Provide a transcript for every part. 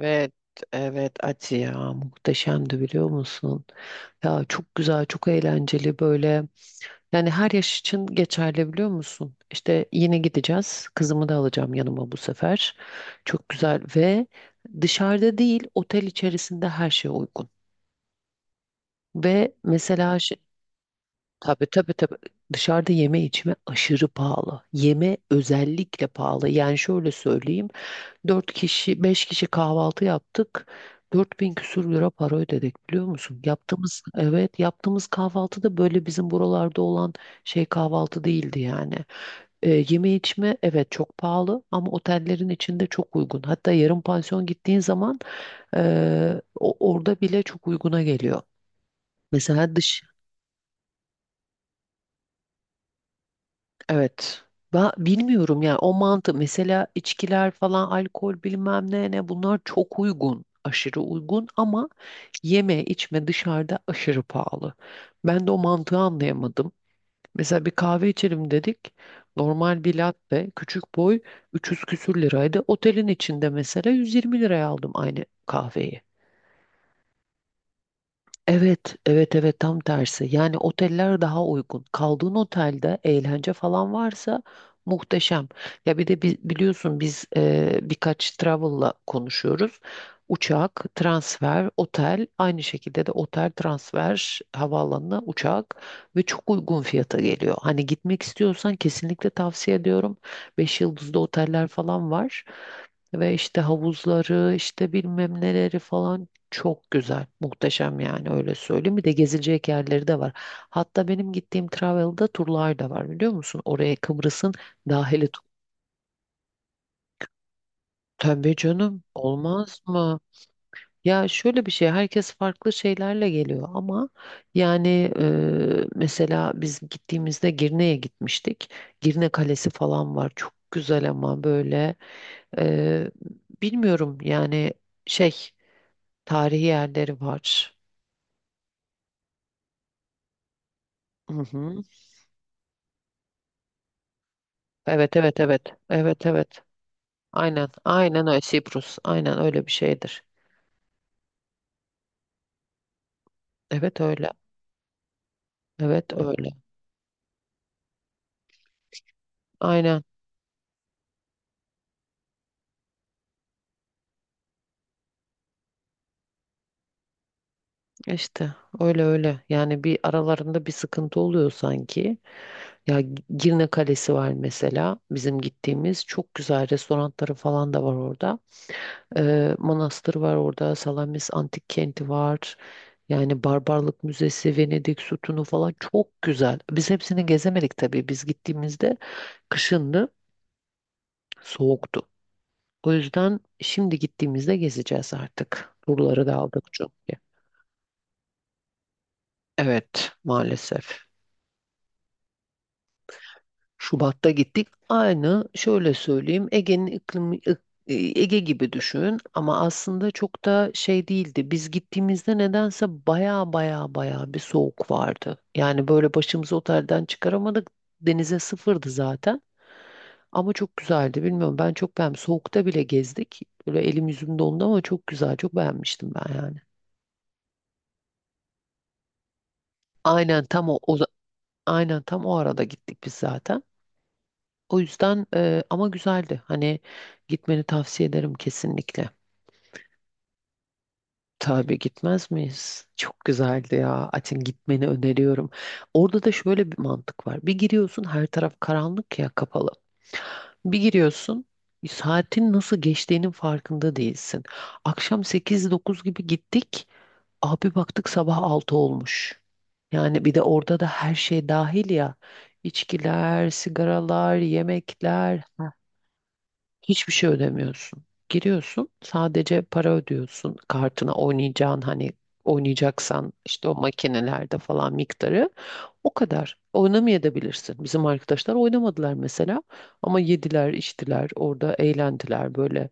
Evet, evet Ati ya muhteşemdi biliyor musun? Ya çok güzel, çok eğlenceli böyle. Yani her yaş için geçerli biliyor musun? İşte yine gideceğiz. Kızımı da alacağım yanıma bu sefer. Çok güzel ve dışarıda değil, otel içerisinde her şey uygun. Ve mesela şi- tabii, tabii, tabii, dışarıda yeme içme aşırı pahalı. Yeme özellikle pahalı. Yani şöyle söyleyeyim. Dört kişi, beş kişi kahvaltı yaptık. 4000 küsur lira para ödedik biliyor musun? Yaptığımız, evet yaptığımız kahvaltı da böyle bizim buralarda olan şey kahvaltı değildi yani. Yeme içme evet çok pahalı ama otellerin içinde çok uygun. Hatta yarım pansiyon gittiğin zaman orada bile çok uyguna geliyor. Mesela dış Evet. Ben bilmiyorum yani o mantı mesela içkiler falan alkol bilmem ne ne bunlar çok uygun. Aşırı uygun ama yeme içme dışarıda aşırı pahalı. Ben de o mantığı anlayamadım. Mesela bir kahve içelim dedik. Normal bir latte küçük boy 300 küsür liraydı. Otelin içinde mesela 120 liraya aldım aynı kahveyi. Evet, evet, evet, tam tersi. Yani oteller daha uygun. Kaldığın otelde eğlence falan varsa muhteşem. Ya bir de biliyorsun biz birkaç travel'la konuşuyoruz. Uçak, transfer, otel, aynı şekilde de otel, transfer, havaalanına uçak ve çok uygun fiyata geliyor. Hani gitmek istiyorsan kesinlikle tavsiye ediyorum. Beş yıldızlı oteller falan var. Ve işte havuzları, işte bilmem neleri falan çok güzel, muhteşem yani öyle söyleyeyim. Bir de gezilecek yerleri de var. Hatta benim gittiğim Travel'da turlar da var biliyor musun? Oraya Kıbrıs'ın dahili. Tabii canım, olmaz mı? Ya şöyle bir şey, herkes farklı şeylerle geliyor ama yani mesela biz gittiğimizde Girne'ye gitmiştik. Girne Kalesi falan var. Çok güzel ama böyle e, bilmiyorum yani şey tarihi yerleri var. Hı hı. Evet, evet, evet. Evet, evet. Aynen. Aynen öyle. Sibrus. Aynen öyle bir şeydir. Evet öyle. Evet öyle. Aynen. işte öyle öyle. Yani bir aralarında bir sıkıntı oluyor sanki. Ya Girne Kalesi var mesela bizim gittiğimiz. Çok güzel restoranları falan da var orada. Manastır var orada. Salamis Antik Kenti var. Yani Barbarlık Müzesi, Venedik Sütunu falan çok güzel. Biz hepsini gezemedik tabii. Biz gittiğimizde kışındı, soğuktu. O yüzden şimdi gittiğimizde gezeceğiz artık. Turları da aldık çünkü. Evet, maalesef. Şubat'ta gittik. Aynı şöyle söyleyeyim Ege'nin iklimi Ege gibi düşün ama aslında çok da şey değildi. Biz gittiğimizde nedense baya baya baya bir soğuk vardı. Yani böyle başımızı otelden çıkaramadık. Denize sıfırdı zaten. Ama çok güzeldi. Bilmiyorum ben çok beğendim. Soğukta bile gezdik. Böyle elim yüzüm dondu ama çok güzel. Çok beğenmiştim ben yani. Aynen tam o. Aynen tam o arada gittik biz zaten. O yüzden ama güzeldi. Hani gitmeni tavsiye ederim kesinlikle. Tabii gitmez miyiz? Çok güzeldi ya. Açın gitmeni öneriyorum. Orada da şöyle bir mantık var. Bir giriyorsun her taraf karanlık ya kapalı. Bir giriyorsun, saatin nasıl geçtiğinin farkında değilsin. Akşam sekiz dokuz gibi gittik. Abi baktık sabah 6 olmuş. Yani bir de orada da her şey dahil ya. İçkiler, sigaralar, yemekler. Ha, hiçbir şey ödemiyorsun. Giriyorsun, sadece para ödüyorsun. Kartına oynayacağın hani oynayacaksan işte o makinelerde falan miktarı. O kadar. Oynamayabilirsin. Bizim arkadaşlar oynamadılar mesela ama yediler, içtiler, orada eğlendiler böyle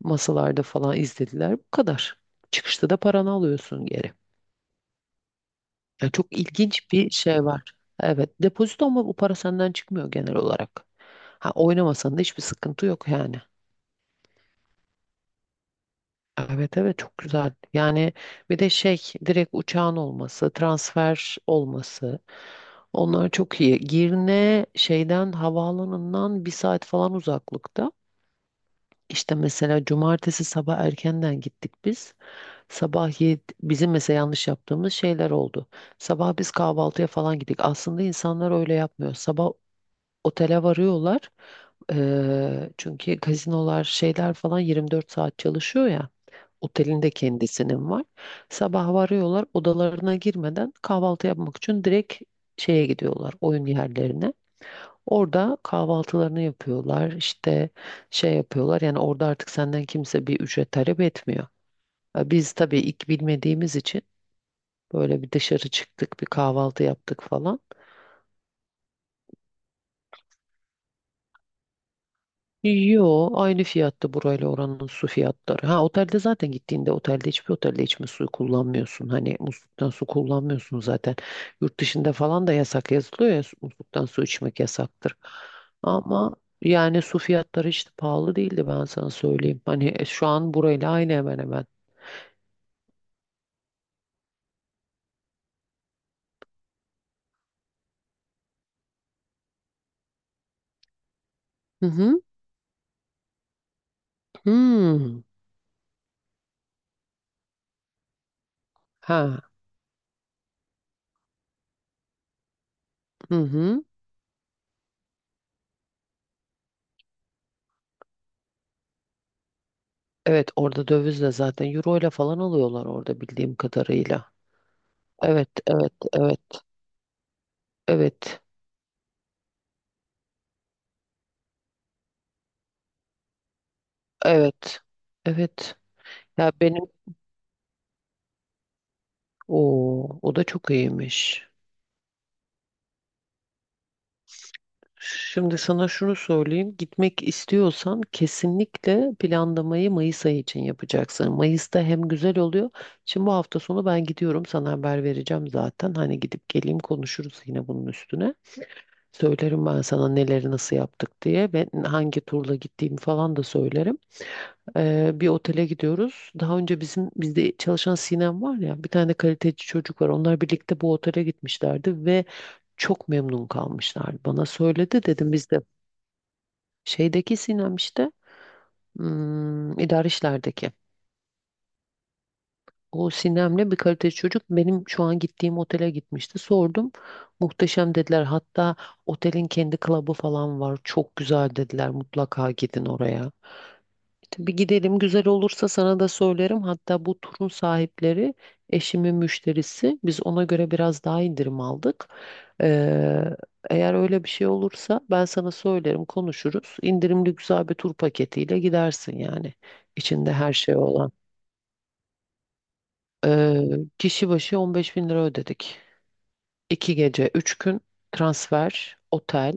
masalarda falan izlediler. Bu kadar. Çıkışta da paranı alıyorsun geri. Yani çok ilginç bir şey var. Evet, depozito ama bu para senden çıkmıyor genel olarak. Ha, oynamasan da hiçbir sıkıntı yok yani. Evet, evet, çok güzel. Yani bir de şey direkt uçağın olması, transfer olması. Onlar çok iyi. Girne şeyden havaalanından bir saat falan uzaklıkta. İşte mesela cumartesi sabah erkenden gittik biz. Sabah 7, bizim mesela yanlış yaptığımız şeyler oldu. Sabah biz kahvaltıya falan gittik. Aslında insanlar öyle yapmıyor. Sabah otele varıyorlar. Çünkü gazinolar şeyler falan 24 saat çalışıyor ya. Otelin de kendisinin var. Sabah varıyorlar odalarına girmeden kahvaltı yapmak için direkt şeye gidiyorlar oyun yerlerine. Orada kahvaltılarını yapıyorlar, işte şey yapıyorlar. Yani orada artık senden kimse bir ücret talep etmiyor. Ha, biz tabii ilk bilmediğimiz için böyle bir dışarı çıktık, bir kahvaltı yaptık falan. Yo, aynı fiyatta burayla oranın su fiyatları. Ha otelde zaten gittiğinde otelde hiçbir otelde içme suyu kullanmıyorsun. Hani musluktan su kullanmıyorsun zaten. Yurt dışında falan da yasak yazılıyor ya musluktan su içmek yasaktır. Ama yani su fiyatları işte pahalı değildi ben sana söyleyeyim. Hani şu an burayla aynı hemen hemen. Hı hı. Hmm. Ha. Hı hı. Evet orada dövizle zaten euro ile falan alıyorlar orada bildiğim kadarıyla. Evet, evet, evet. Evet. Evet. Evet. Ya benim o da çok iyiymiş. Şimdi sana şunu söyleyeyim. Gitmek istiyorsan kesinlikle planlamayı Mayıs ayı için yapacaksın. Mayıs'ta hem güzel oluyor. Şimdi bu hafta sonu ben gidiyorum. Sana haber vereceğim zaten. Hani gidip geleyim konuşuruz yine bunun üstüne. Söylerim ben sana neleri nasıl yaptık diye ve hangi turla gittiğimi falan da söylerim. Bir otele gidiyoruz. Daha önce bizde çalışan Sinem var ya bir tane kaliteci çocuk var. Onlar birlikte bu otele gitmişlerdi ve çok memnun kalmışlar. Bana söyledi dedim biz de şeydeki Sinem işte idari işlerdeki. O Sinem'le bir kaliteli çocuk benim şu an gittiğim otele gitmişti. Sordum. Muhteşem dediler. Hatta otelin kendi klubu falan var. Çok güzel dediler. Mutlaka gidin oraya. Bir gidelim güzel olursa sana da söylerim. Hatta bu turun sahipleri eşimin müşterisi. Biz ona göre biraz daha indirim aldık. Ee, eğer öyle bir şey olursa ben sana söylerim konuşuruz. İndirimli güzel bir tur paketiyle gidersin yani. İçinde her şey olan. Ee, kişi başı 15 bin lira ödedik. 2 gece, 3 gün, transfer, otel,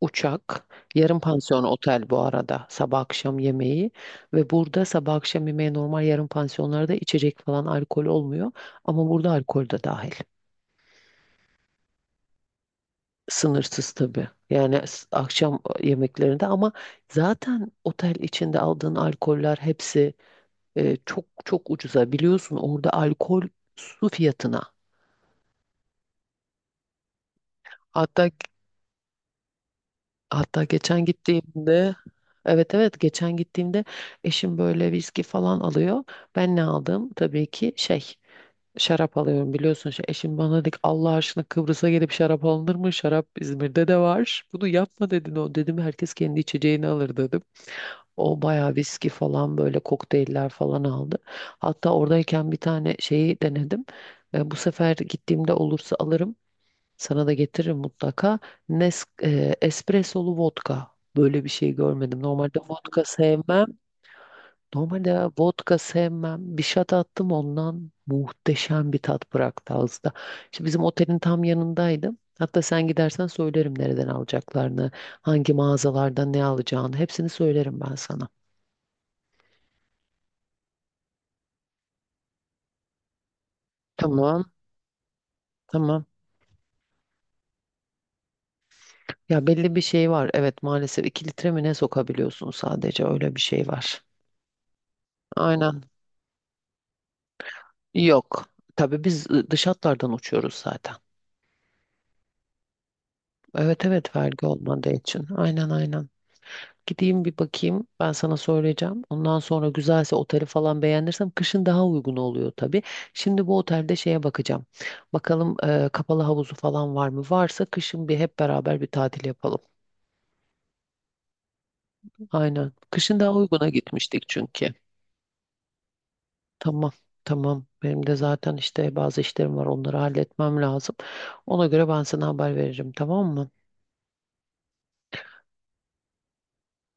uçak, yarım pansiyon otel, bu arada sabah akşam yemeği ve burada sabah akşam yemeği normal yarım pansiyonlarda içecek falan alkol olmuyor ama burada alkol de dahil. Sınırsız tabii. Yani akşam yemeklerinde ama zaten otel içinde aldığın alkoller hepsi çok çok ucuza biliyorsun orada alkol su fiyatına. Hatta Hatta geçen gittiğimde evet, evet, geçen gittiğimde eşim böyle viski falan alıyor. Ben ne aldım? Tabii ki şey şarap alıyorum biliyorsun. Şey, eşim bana dedi ki, Allah aşkına Kıbrıs'a gelip şarap alınır mı? Şarap İzmir'de de var. Bunu yapma dedin o. Dedim herkes kendi içeceğini alır dedim. O bayağı viski falan böyle kokteyller falan aldı. Hatta oradayken bir tane şeyi denedim. Bu sefer gittiğimde olursa alırım. Sana da getiririm mutlaka. Espressolu vodka. Böyle bir şey görmedim. Normalde vodka sevmem. Bir shot attım ondan muhteşem bir tat bıraktı ağızda. İşte bizim otelin tam yanındaydım. Hatta sen gidersen söylerim nereden alacaklarını, hangi mağazalardan ne alacağını. Hepsini söylerim ben sana. Tamam, tamam. Ya belli bir şey var. Evet maalesef 2 litre mi ne sokabiliyorsun sadece öyle bir şey var. Aynen. Yok. Tabii biz dış hatlardan uçuyoruz zaten. Evet, evet vergi olmadığı için. Aynen, aynen. Gideyim bir bakayım. Ben sana söyleyeceğim. Ondan sonra güzelse oteli falan beğenirsem kışın daha uygun oluyor tabii. Şimdi bu otelde şeye bakacağım. Bakalım kapalı havuzu falan var mı? Varsa kışın bir hep beraber bir tatil yapalım. Aynen. Kışın daha uyguna gitmiştik çünkü. Tamam. Tamam. Benim de zaten işte bazı işlerim var. Onları halletmem lazım. Ona göre ben sana haber veririm. Tamam mı?